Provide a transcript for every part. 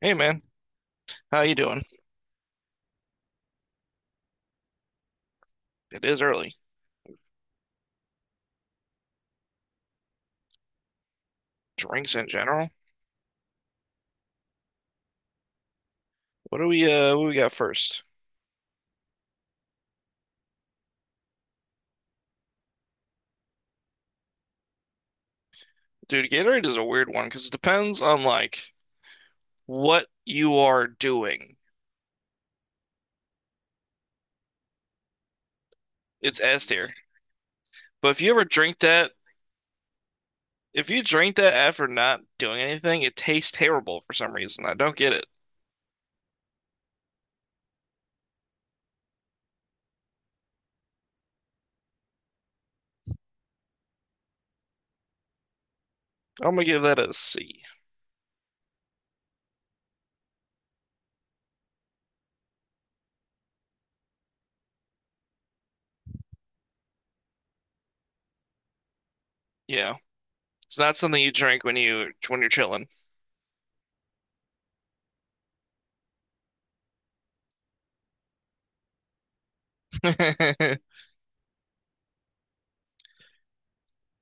Hey man, how you doing? It is early. Drinks in general. What do we got first? Dude, Gatorade is a weird one because it depends on like what you are doing. It's S tier. But if you ever drink that, if you drink that after not doing anything, it tastes terrible for some reason. I don't get it. I'm gonna give that a C. Yeah. It's not something you drink when you're chilling.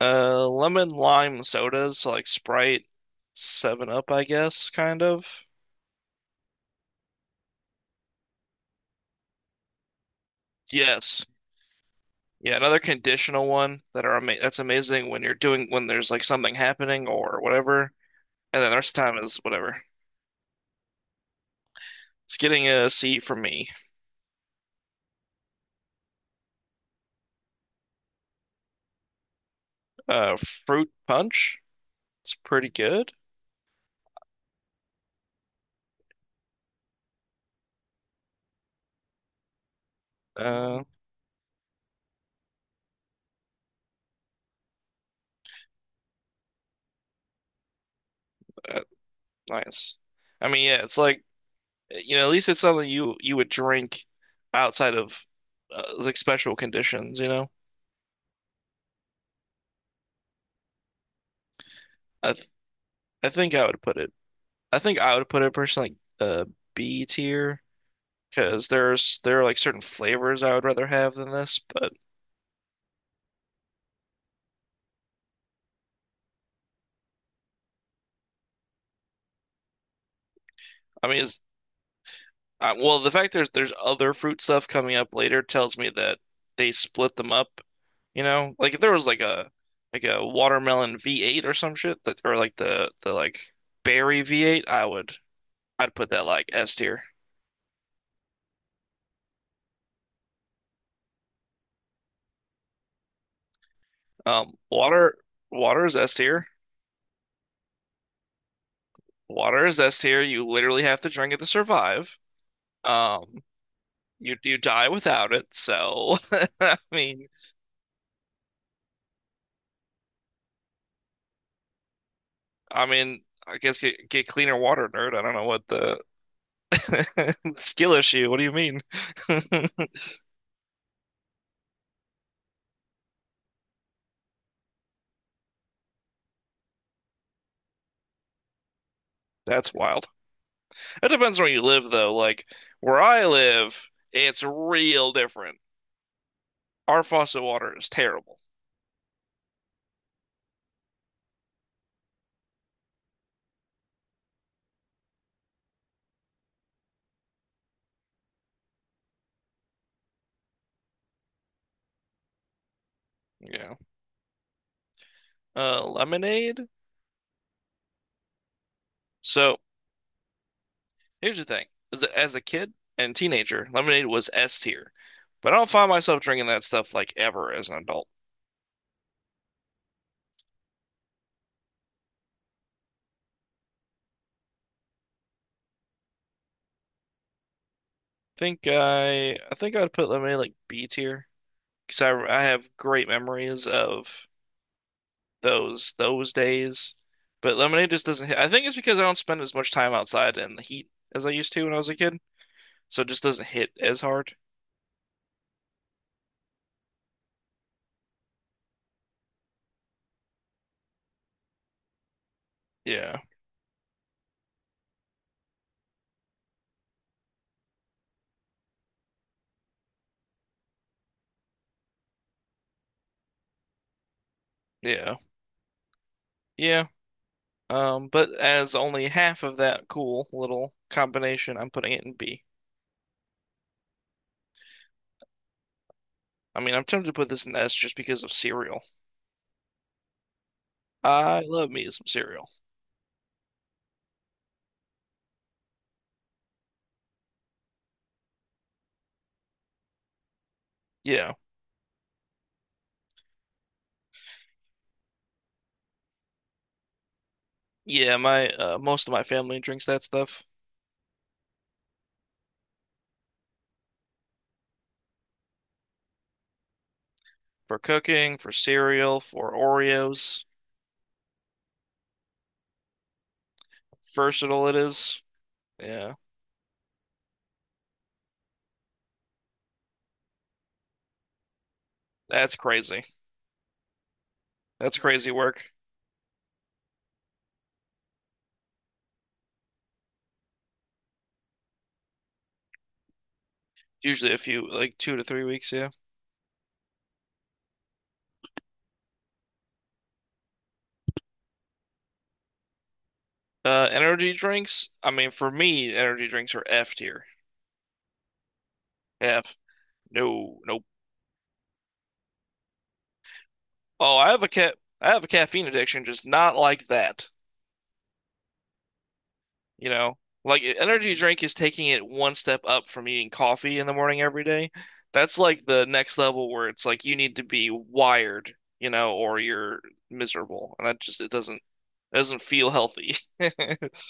Lemon lime sodas, so like Sprite, 7 Up, I guess, kind of. Yes. Yeah, another conditional one that's amazing when you're doing when there's like something happening or whatever. And then the rest of the time is whatever. It's getting a C for me. Fruit punch. It's pretty good. Uh, uh, Nice. I mean, yeah, it's like you know, at least it's something you would drink outside of like special conditions. You know, I th I think I would put it. I think I would put it personally like B tier because there are like certain flavors I would rather have than this, but. I mean, well, the fact there's other fruit stuff coming up later tells me that they split them up. You know, like if there was like a watermelon V8 or some shit that, or like the like berry V8, I'd put that like S tier. Um, water Water is S tier. Water is S tier. You literally have to drink it to survive. Um, you die without it. So I mean, I mean, I guess get cleaner water, nerd. I don't know what the skill issue. What do you mean? That's wild. It depends where you live, though. Like where I live, it's real different. Our faucet water is terrible. You know, lemonade. So here's the thing: as a kid and teenager, lemonade was S tier, but I don't find myself drinking that stuff like ever as an adult. I think I'd put lemonade like B tier because I have great memories of those days. But lemonade just doesn't hit. I think it's because I don't spend as much time outside in the heat as I used to when I was a kid, so it just doesn't hit as hard. Yeah, yeah, yeah. But as only half of that cool little combination, I'm putting it in B. I mean, I'm tempted to put this in S just because of cereal. I love me some cereal. Yeah, yeah. My most of my family drinks that stuff for cooking, for cereal, for Oreos. Versatile it is. Yeah, that's crazy. That's crazy work. Usually a few, like 2 to 3 weeks, yeah. Energy drinks. I mean, for me, energy drinks are F tier. F. No, nope. Oh, I have a cat. I have a caffeine addiction, just not like that. You know, like energy drink is taking it one step up from eating coffee in the morning every day. That's like the next level where it's like you need to be wired, you know, or you're miserable, and that just it doesn't feel healthy.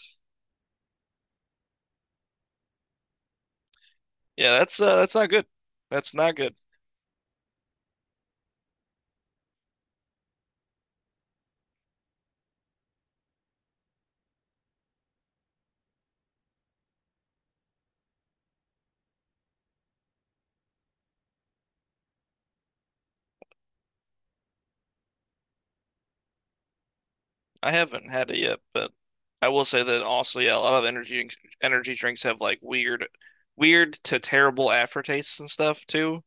Yeah, that's not good. That's not good. I haven't had it yet, but I will say that also, yeah, a lot of energy drinks have like weird, weird to terrible aftertastes and stuff too.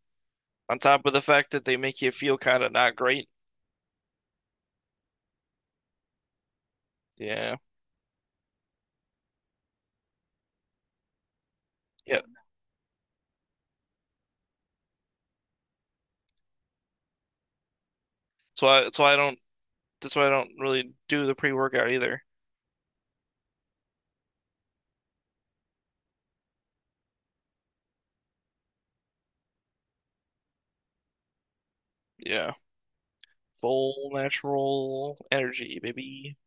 On top of the fact that they make you feel kind of not great. Yeah, yeah. That's why. That's why I don't. That's why I don't really do the pre-workout either. Yeah, full natural energy, baby.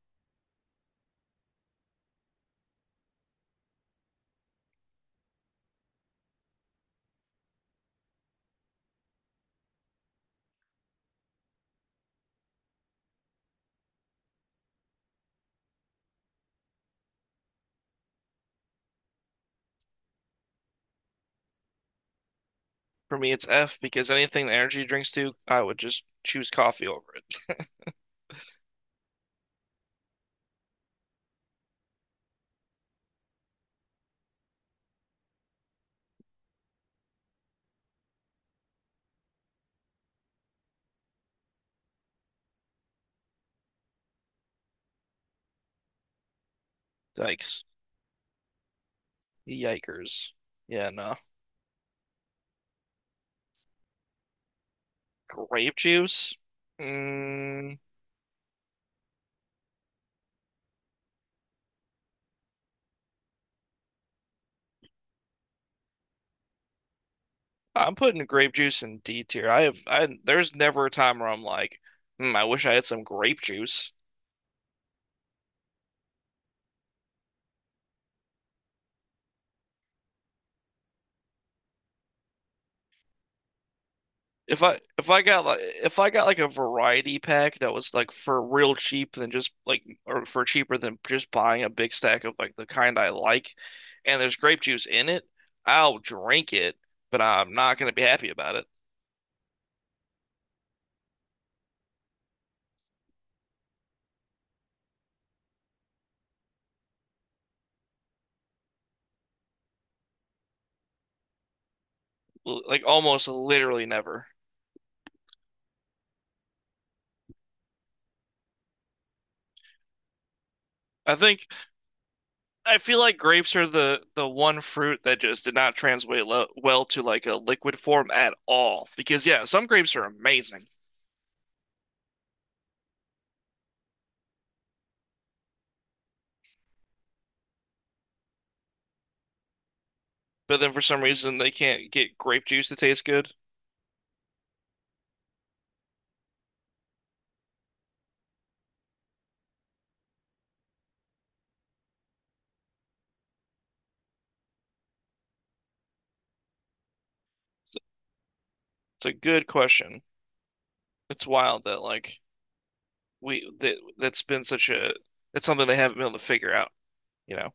For me, it's F because anything the energy drinks do, I would just choose coffee over it. Yikes. Yikers. Yeah, no. Grape juice? Mm, I'm putting grape juice in D tier. I have I there's never a time where I'm like, hmm, I wish I had some grape juice. If I got like if I got like a variety pack that was like for real cheap than just like or for cheaper than just buying a big stack of like the kind I like, and there's grape juice in it, I'll drink it, but I'm not gonna be happy about it. L- like almost literally never. I think I feel like grapes are the one fruit that just did not translate lo well to like a liquid form at all. Because yeah, some grapes are amazing, but then for some reason they can't get grape juice to taste good. It's a good question. It's wild that like we that that's been such a it's something they haven't been able to figure out, you know.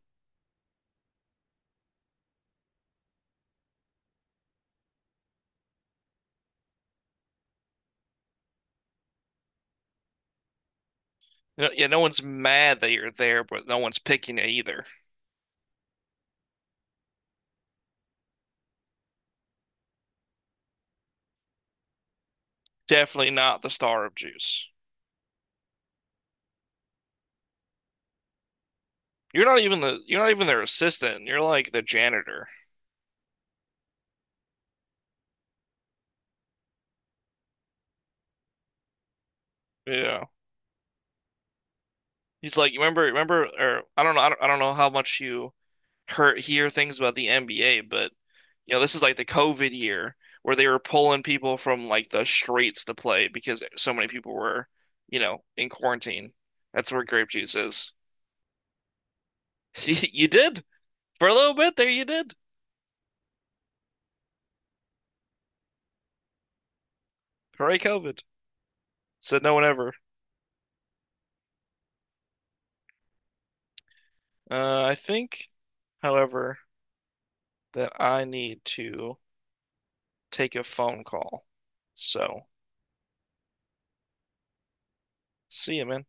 You know, yeah, no one's mad that you're there, but no one's picking you either. Definitely not the star of juice. You're not even the you're not even their assistant. You're like the janitor. You know. He's like, you remember or I don't know I don't know how much you hear things about the NBA, but you know, this is like the COVID year where they were pulling people from like the streets to play because so many people were, you know, in quarantine. That's where grape juice is. You did. For a little bit there you did. Hooray COVID. Said no one ever. I think, however, that I need to take a phone call. So, see you, man.